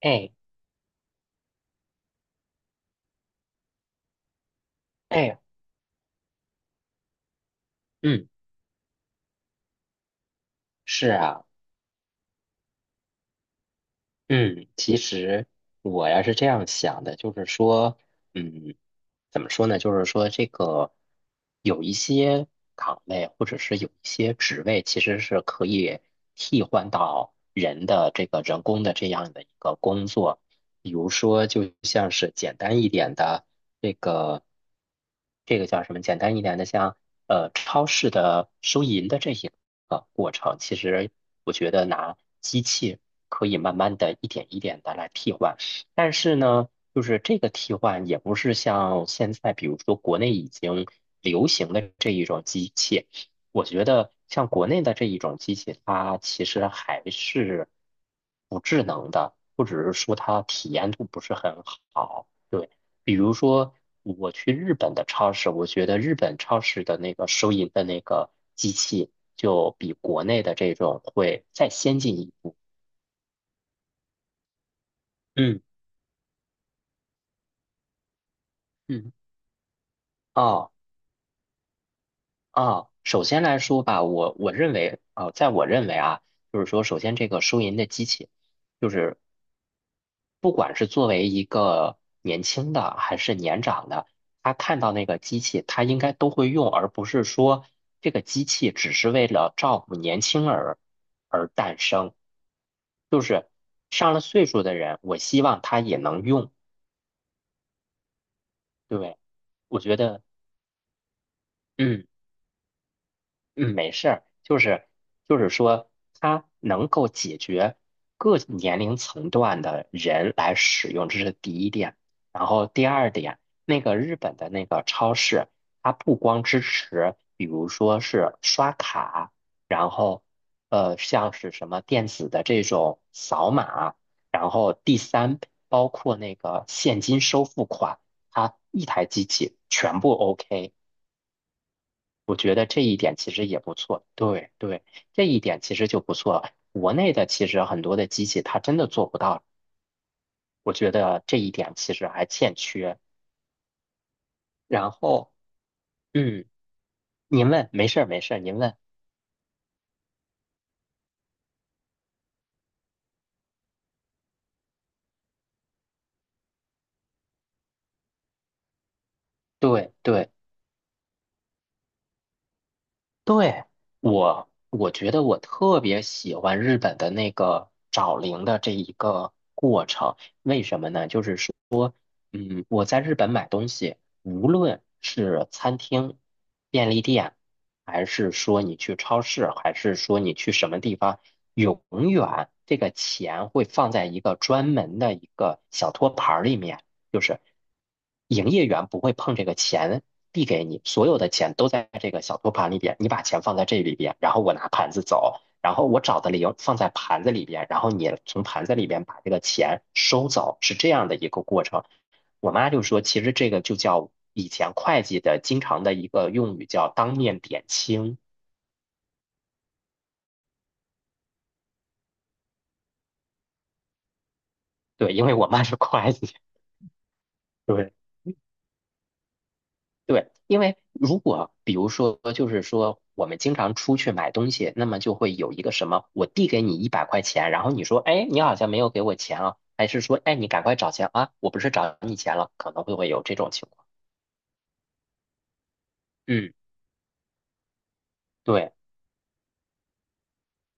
哎哎，嗯，是啊，嗯，其实我呀是这样想的，就是说，嗯，怎么说呢？就是说，这个有一些岗位或者是有一些职位，其实是可以替换到人的这个人工的这样的一个工作，比如说，就像是简单一点的。这个这个叫什么？简单一点的，像超市的收银的这一个过程，其实我觉得拿机器可以慢慢的一点一点的来替换，但是呢，就是这个替换也不是像现在，比如说国内已经流行的这一种机器，我觉得像国内的这一种机器，它其实还是不智能的，或者是说它体验度不是很好。对。比如说，我去日本的超市，我觉得日本超市的那个收银的那个机器，就比国内的这种会再先进一步。嗯嗯，哦哦，首先来说吧，我认为，啊，在我认为啊，就是说，首先这个收银的机器，就是不管是作为一个年轻的还是年长的，他看到那个机器，他应该都会用，而不是说这个机器只是为了照顾年轻儿而诞生。上了岁数的人，我希望他也能用。对，我觉得，嗯。嗯，没事儿，就是说，它能够解决各年龄层段的人来使用，这是第一点。然后第二点，那个日本的那个超市，它不光支持，比如说是刷卡，然后像是什么电子的这种扫码，然后第三，包括那个现金收付款，它一台机器全部 OK。我觉得这一点其实也不错，对对，这一点其实就不错。国内的其实很多的机器它真的做不到，我觉得这一点其实还欠缺。然后，嗯，您问，没事儿没事儿，您问。对对对，我觉得我特别喜欢日本的那个找零的这一个过程，为什么呢？就是说。嗯，我在日本买东西，无论是餐厅、便利店，还是说你去超市，还是说你去什么地方，永远这个钱会放在一个专门的一个小托盘儿里面，就是营业员不会碰这个钱递给你，所有的钱都在这个小托盘里边，你把钱放在这里边，然后我拿盘子走，然后我找的零放在盘子里边，然后你从盘子里边把这个钱收走，是这样的一个过程。我妈就说，其实这个就叫以前会计的经常的一个用语叫当面点清。对，因为我妈是会计。对对，因为如果比如说，就是说我们经常出去买东西，那么就会有一个什么，我递给你一百块钱，然后你说，哎，你好像没有给我钱啊，还是说，哎，你赶快找钱啊，我不是找你钱了，可能会有这种情况。嗯，对。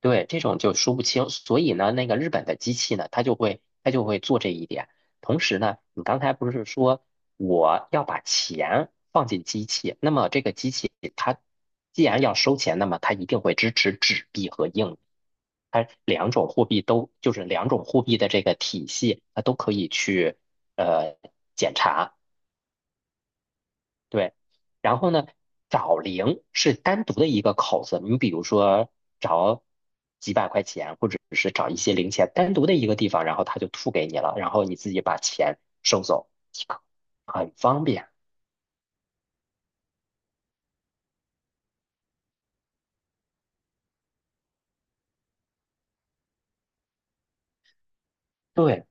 对，这种就说不清。所以呢，那个日本的机器呢，它就会做这一点。同时呢，你刚才不是说我要把钱放进机器，那么这个机器它既然要收钱，那么它一定会支持纸币和硬币，它两种货币都就是两种货币的这个体系，它都可以去呃检查。对，然后呢，找零是单独的一个口子，你比如说找几百块钱，或者是找一些零钱，单独的一个地方，然后他就吐给你了，然后你自己把钱收走即可，很方便。对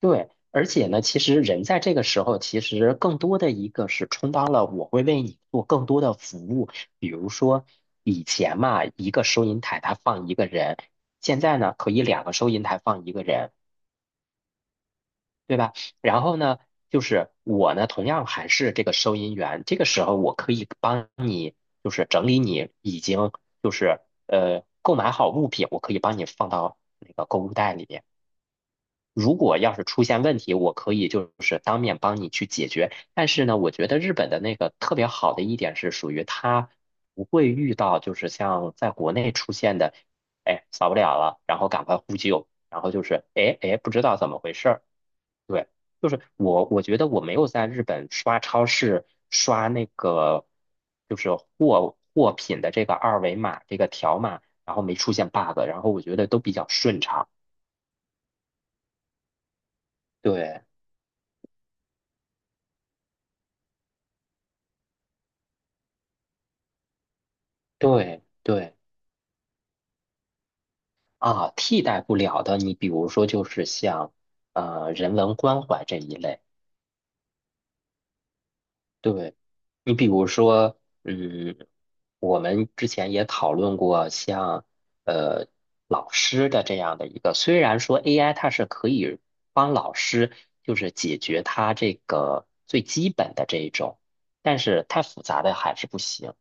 对，而且呢，其实人在这个时候，其实更多的一个是充当了我会为你做更多的服务，比如说以前嘛，一个收银台它放一个人，现在呢可以两个收银台放一个人。对吧？然后呢，就是我呢，同样还是这个收银员，这个时候我可以帮你，就是整理你已经就是购买好物品，我可以帮你放到那个购物袋里面。如果要是出现问题，我可以就是当面帮你去解决。但是呢，我觉得日本的那个特别好的一点是属于它不会遇到就是像在国内出现的，哎，扫不了了，然后赶快呼救，然后就是哎哎不知道怎么回事儿。对，就是我，我觉得我没有在日本刷超市刷那个，就是货品的这个二维码这个条码，然后没出现 bug，然后我觉得都比较顺畅。对对对，啊，替代不了的，你比如说就是像人文关怀这一类。对，你比如说，嗯，我们之前也讨论过像，呃老师的这样的一个，虽然说 AI 它是可以帮老师就是解决他这个最基本的这一种，但是太复杂的还是不行。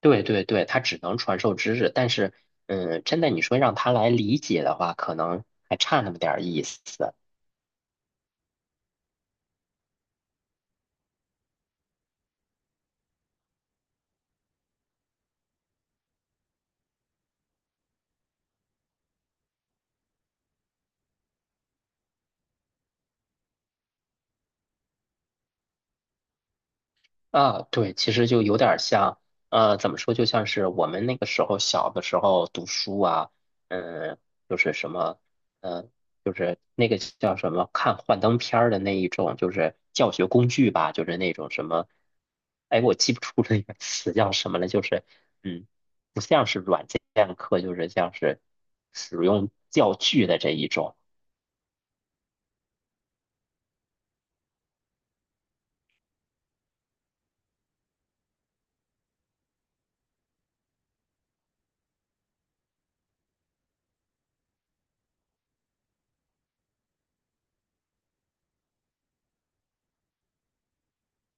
对对对，它只能传授知识，但是，嗯，真的你说让他来理解的话，可能还差那么点儿意思。啊，对，其实就有点儿像，怎么说，就像是我们那个时候小的时候读书啊，嗯，就是什么，嗯，就是那个叫什么，看幻灯片儿的那一种，就是教学工具吧，就是那种什么，哎，我记不住那个词叫什么了，就是，嗯，不像是软件课，就是像是使用教具的这一种。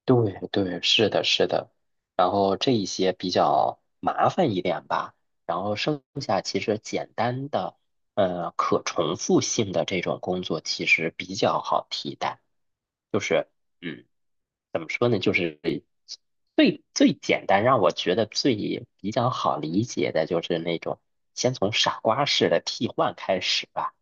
对对，是的，是的。然后这一些比较麻烦一点吧，然后剩下其实简单的，可重复性的这种工作其实比较好替代。就是，嗯，怎么说呢？就是最最简单，让我觉得最比较好理解的就是那种先从傻瓜式的替换开始吧。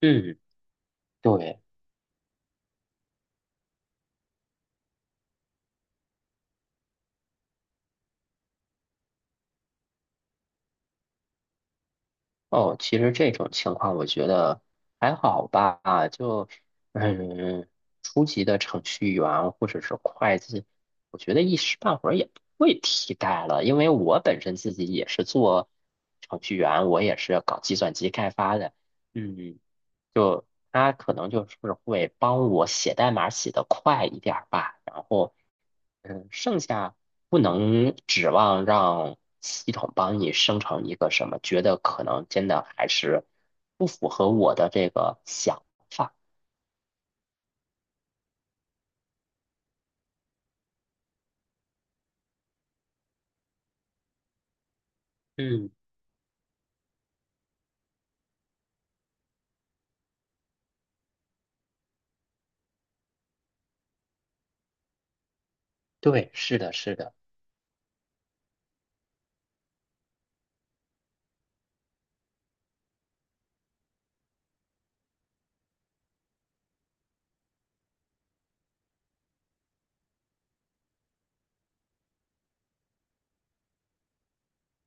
嗯，对。哦，其实这种情况我觉得还好吧，就嗯，初级的程序员或者是会计，我觉得一时半会儿也不会替代了，因为我本身自己也是做程序员，我也是搞计算机开发的，嗯，就他可能就是会帮我写代码写得快一点儿吧，然后嗯，剩下不能指望让系统帮你生成一个什么，觉得可能真的还是不符合我的这个想法。嗯，对，是的，是的，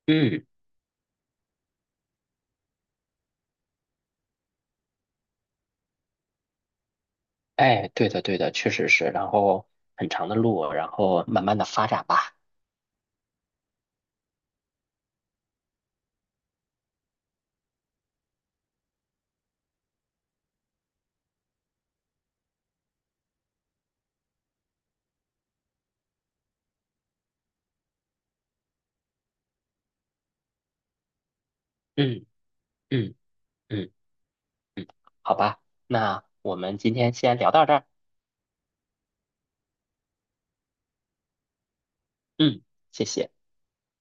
嗯，哎，对的，对的，确实是。然后很长的路，然后慢慢的发展吧。嗯嗯嗯嗯，好吧，那我们今天先聊到这儿。嗯，谢谢。